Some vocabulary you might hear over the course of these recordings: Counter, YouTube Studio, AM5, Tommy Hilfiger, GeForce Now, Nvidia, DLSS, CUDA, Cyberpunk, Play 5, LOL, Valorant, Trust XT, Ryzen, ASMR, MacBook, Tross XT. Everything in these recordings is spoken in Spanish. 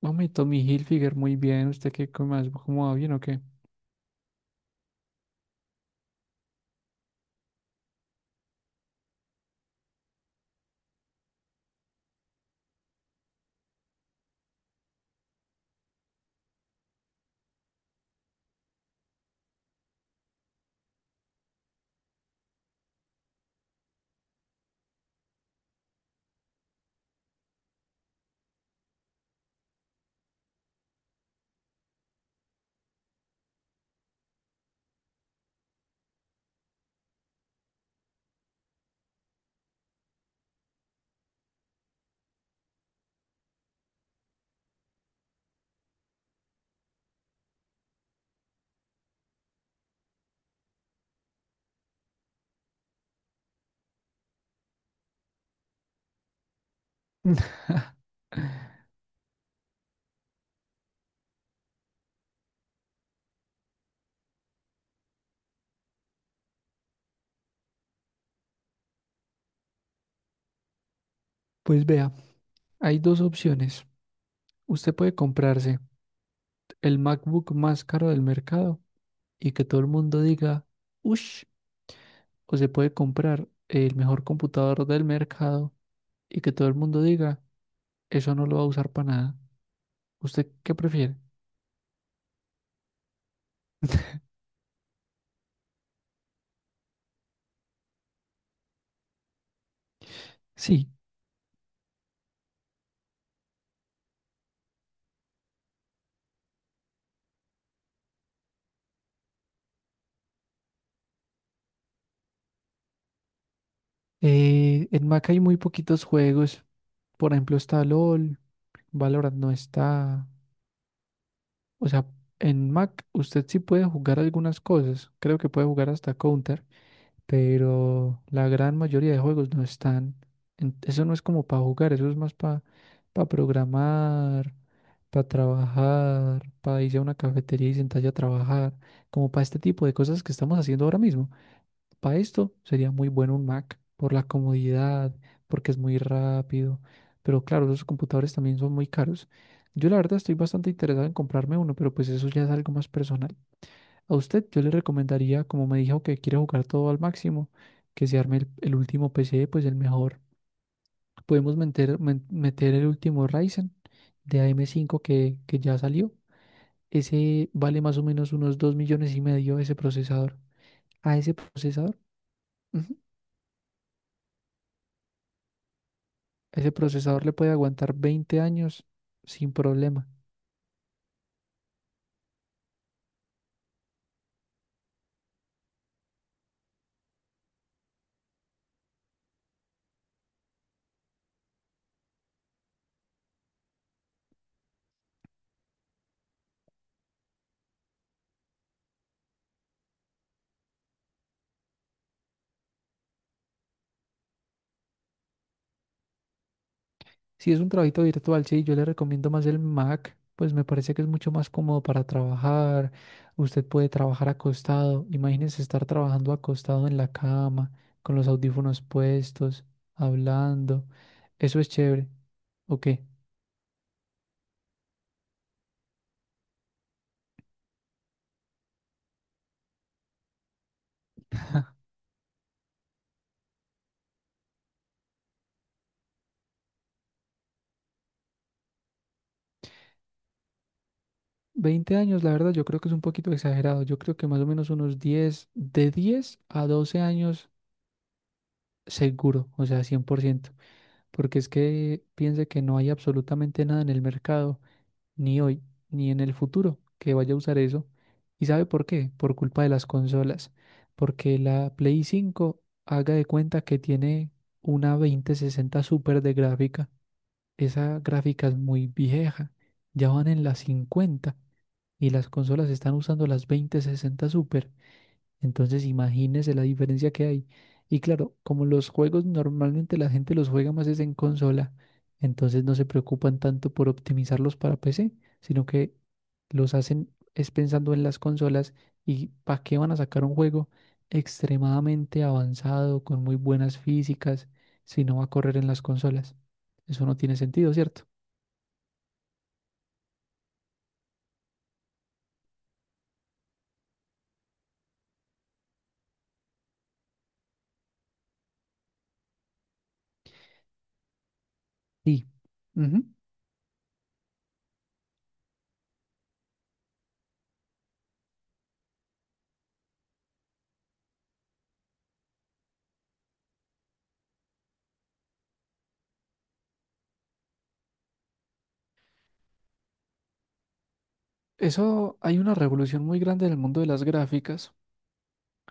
Mami Tommy Hilfiger, muy bien. ¿Usted qué come más? ¿Cómo va bien o qué? Pues vea, hay dos opciones. Usted puede comprarse el MacBook más caro del mercado y que todo el mundo diga, ush, o se puede comprar el mejor computador del mercado y que todo el mundo diga, eso no lo va a usar para nada. ¿Usted qué prefiere? Sí, en Mac hay muy poquitos juegos. Por ejemplo, está LOL, Valorant no está. O sea, en Mac usted sí puede jugar algunas cosas, creo que puede jugar hasta Counter, pero la gran mayoría de juegos no están. Eso no es como para jugar, eso es más para programar, para trabajar, para irse a una cafetería y sentarse a trabajar, como para este tipo de cosas que estamos haciendo ahora mismo. Para esto sería muy bueno un Mac por la comodidad, porque es muy rápido, pero claro, los computadores también son muy caros. Yo la verdad estoy bastante interesado en comprarme uno, pero pues eso ya es algo más personal. A usted yo le recomendaría, como me dijo que quiere jugar todo al máximo, que se arme el último PC, pues el mejor. Podemos meter el último Ryzen de AM5 que ya salió. Ese vale más o menos unos 2,5 millones ese procesador. A ese procesador. Ujú. Ese procesador le puede aguantar 20 años sin problema. Si es un trabajito virtual, sí, yo le recomiendo más el Mac, pues me parece que es mucho más cómodo para trabajar. Usted puede trabajar acostado. Imagínese estar trabajando acostado en la cama, con los audífonos puestos, hablando. Eso es chévere. ¿O qué? 20 años, la verdad, yo creo que es un poquito exagerado. Yo creo que más o menos unos 10, de 10 a 12 años seguro, o sea, 100%. Porque es que piense que no hay absolutamente nada en el mercado, ni hoy, ni en el futuro, que vaya a usar eso. ¿Y sabe por qué? Por culpa de las consolas, porque la Play 5 haga de cuenta que tiene una 2060 super de gráfica. Esa gráfica es muy vieja, ya van en las 50 y las consolas están usando las 2060 Super. Entonces, imagínese la diferencia que hay. Y claro, como los juegos normalmente la gente los juega más es en consola, entonces no se preocupan tanto por optimizarlos para PC, sino que los hacen es pensando en las consolas y para qué van a sacar un juego extremadamente avanzado, con muy buenas físicas, si no va a correr en las consolas. Eso no tiene sentido, ¿cierto? Sí. Ujú. Eso hay una revolución muy grande en el mundo de las gráficas.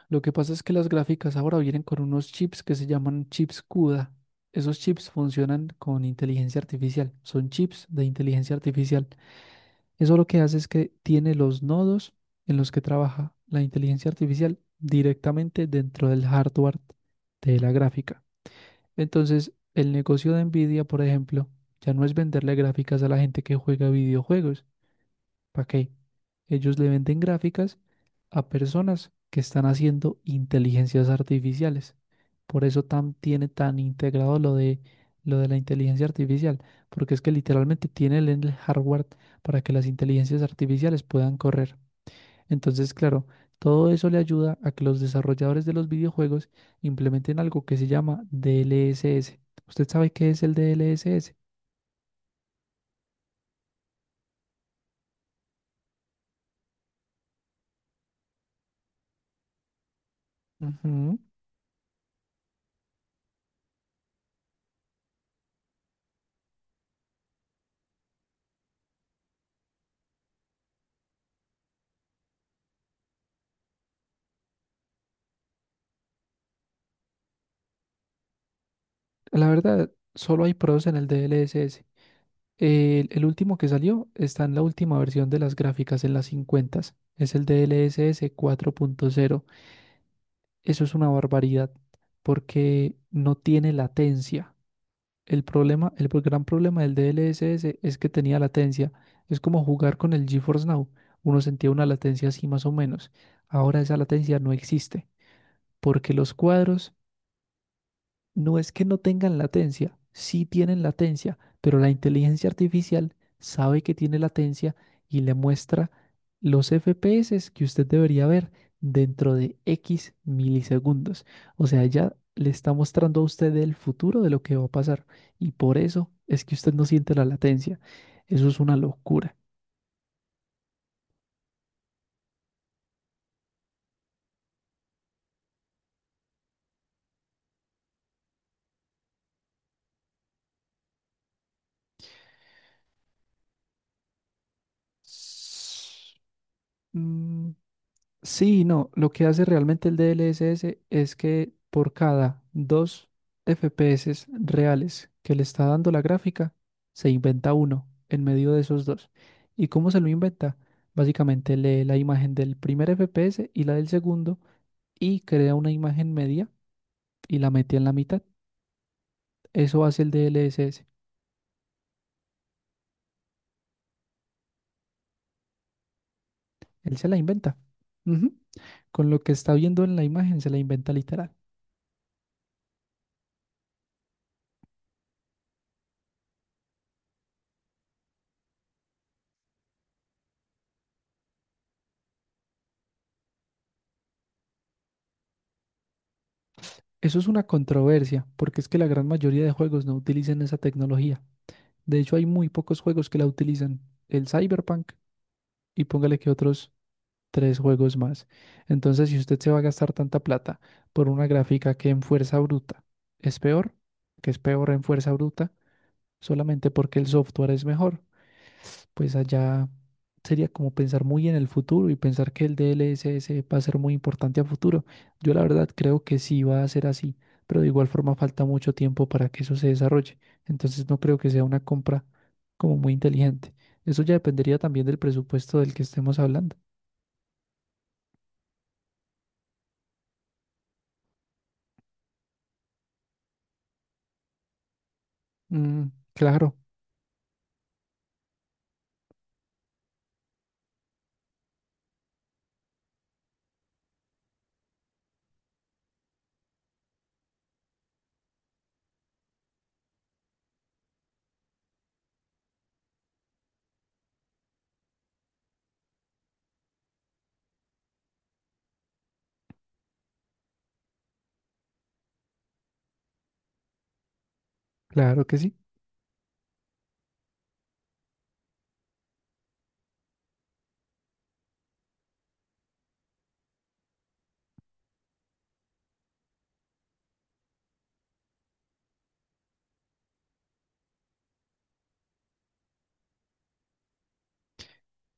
Lo que pasa es que las gráficas ahora vienen con unos chips que se llaman chips CUDA. Esos chips funcionan con inteligencia artificial, son chips de inteligencia artificial. Eso lo que hace es que tiene los nodos en los que trabaja la inteligencia artificial directamente dentro del hardware de la gráfica. Entonces, el negocio de Nvidia, por ejemplo, ya no es venderle gráficas a la gente que juega videojuegos. ¿Para qué? Ellos le venden gráficas a personas que están haciendo inteligencias artificiales. Por eso tiene tan integrado lo de la inteligencia artificial, porque es que literalmente tiene el hardware para que las inteligencias artificiales puedan correr. Entonces, claro, todo eso le ayuda a que los desarrolladores de los videojuegos implementen algo que se llama DLSS. ¿Usted sabe qué es el DLSS? Ujú. La verdad, solo hay pros en el DLSS. El último que salió está en la última versión de las gráficas, en las 50. Es el DLSS 4.0. Eso es una barbaridad porque no tiene latencia. El problema, gran problema del DLSS es que tenía latencia. Es como jugar con el GeForce Now. Uno sentía una latencia así más o menos. Ahora esa latencia no existe porque los cuadros, no es que no tengan latencia, sí tienen latencia, pero la inteligencia artificial sabe que tiene latencia y le muestra los FPS que usted debería ver dentro de X milisegundos. O sea, ya le está mostrando a usted el futuro de lo que va a pasar y por eso es que usted no siente la latencia. Eso es una locura. S- Mm, Sí, no, lo que hace realmente el DLSS es que por cada dos FPS reales que le está dando la gráfica, se inventa uno en medio de esos dos. ¿Y cómo se lo inventa? Básicamente lee la imagen del primer FPS y la del segundo y crea una imagen media y la mete en la mitad. Eso hace el DLSS. Él se la inventa. Ujú. Con lo que está viendo en la imagen se la inventa literal. Eso es una controversia, porque es que la gran mayoría de juegos no utilizan esa tecnología. De hecho, hay muy pocos juegos que la utilizan. El Cyberpunk y póngale que otros tres juegos más. Entonces, si usted se va a gastar tanta plata por una gráfica que en fuerza bruta es peor, que es peor en fuerza bruta, solamente porque el software es mejor, pues allá sería como pensar muy en el futuro y pensar que el DLSS va a ser muy importante a futuro. Yo la verdad creo que sí va a ser así, pero de igual forma falta mucho tiempo para que eso se desarrolle. Entonces no creo que sea una compra como muy inteligente. Eso ya dependería también del presupuesto del que estemos hablando. Mm, claro, claro que sí.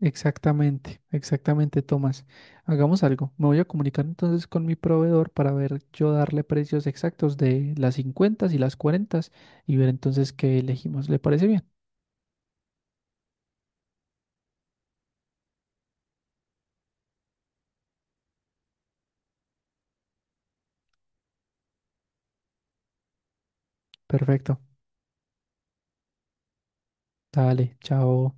Exactamente, exactamente, Tomás. Hagamos algo. Me voy a comunicar entonces con mi proveedor para ver yo darle precios exactos de las 50 y las 40 y ver entonces qué elegimos. ¿Le parece bien? Perfecto. Dale, chao.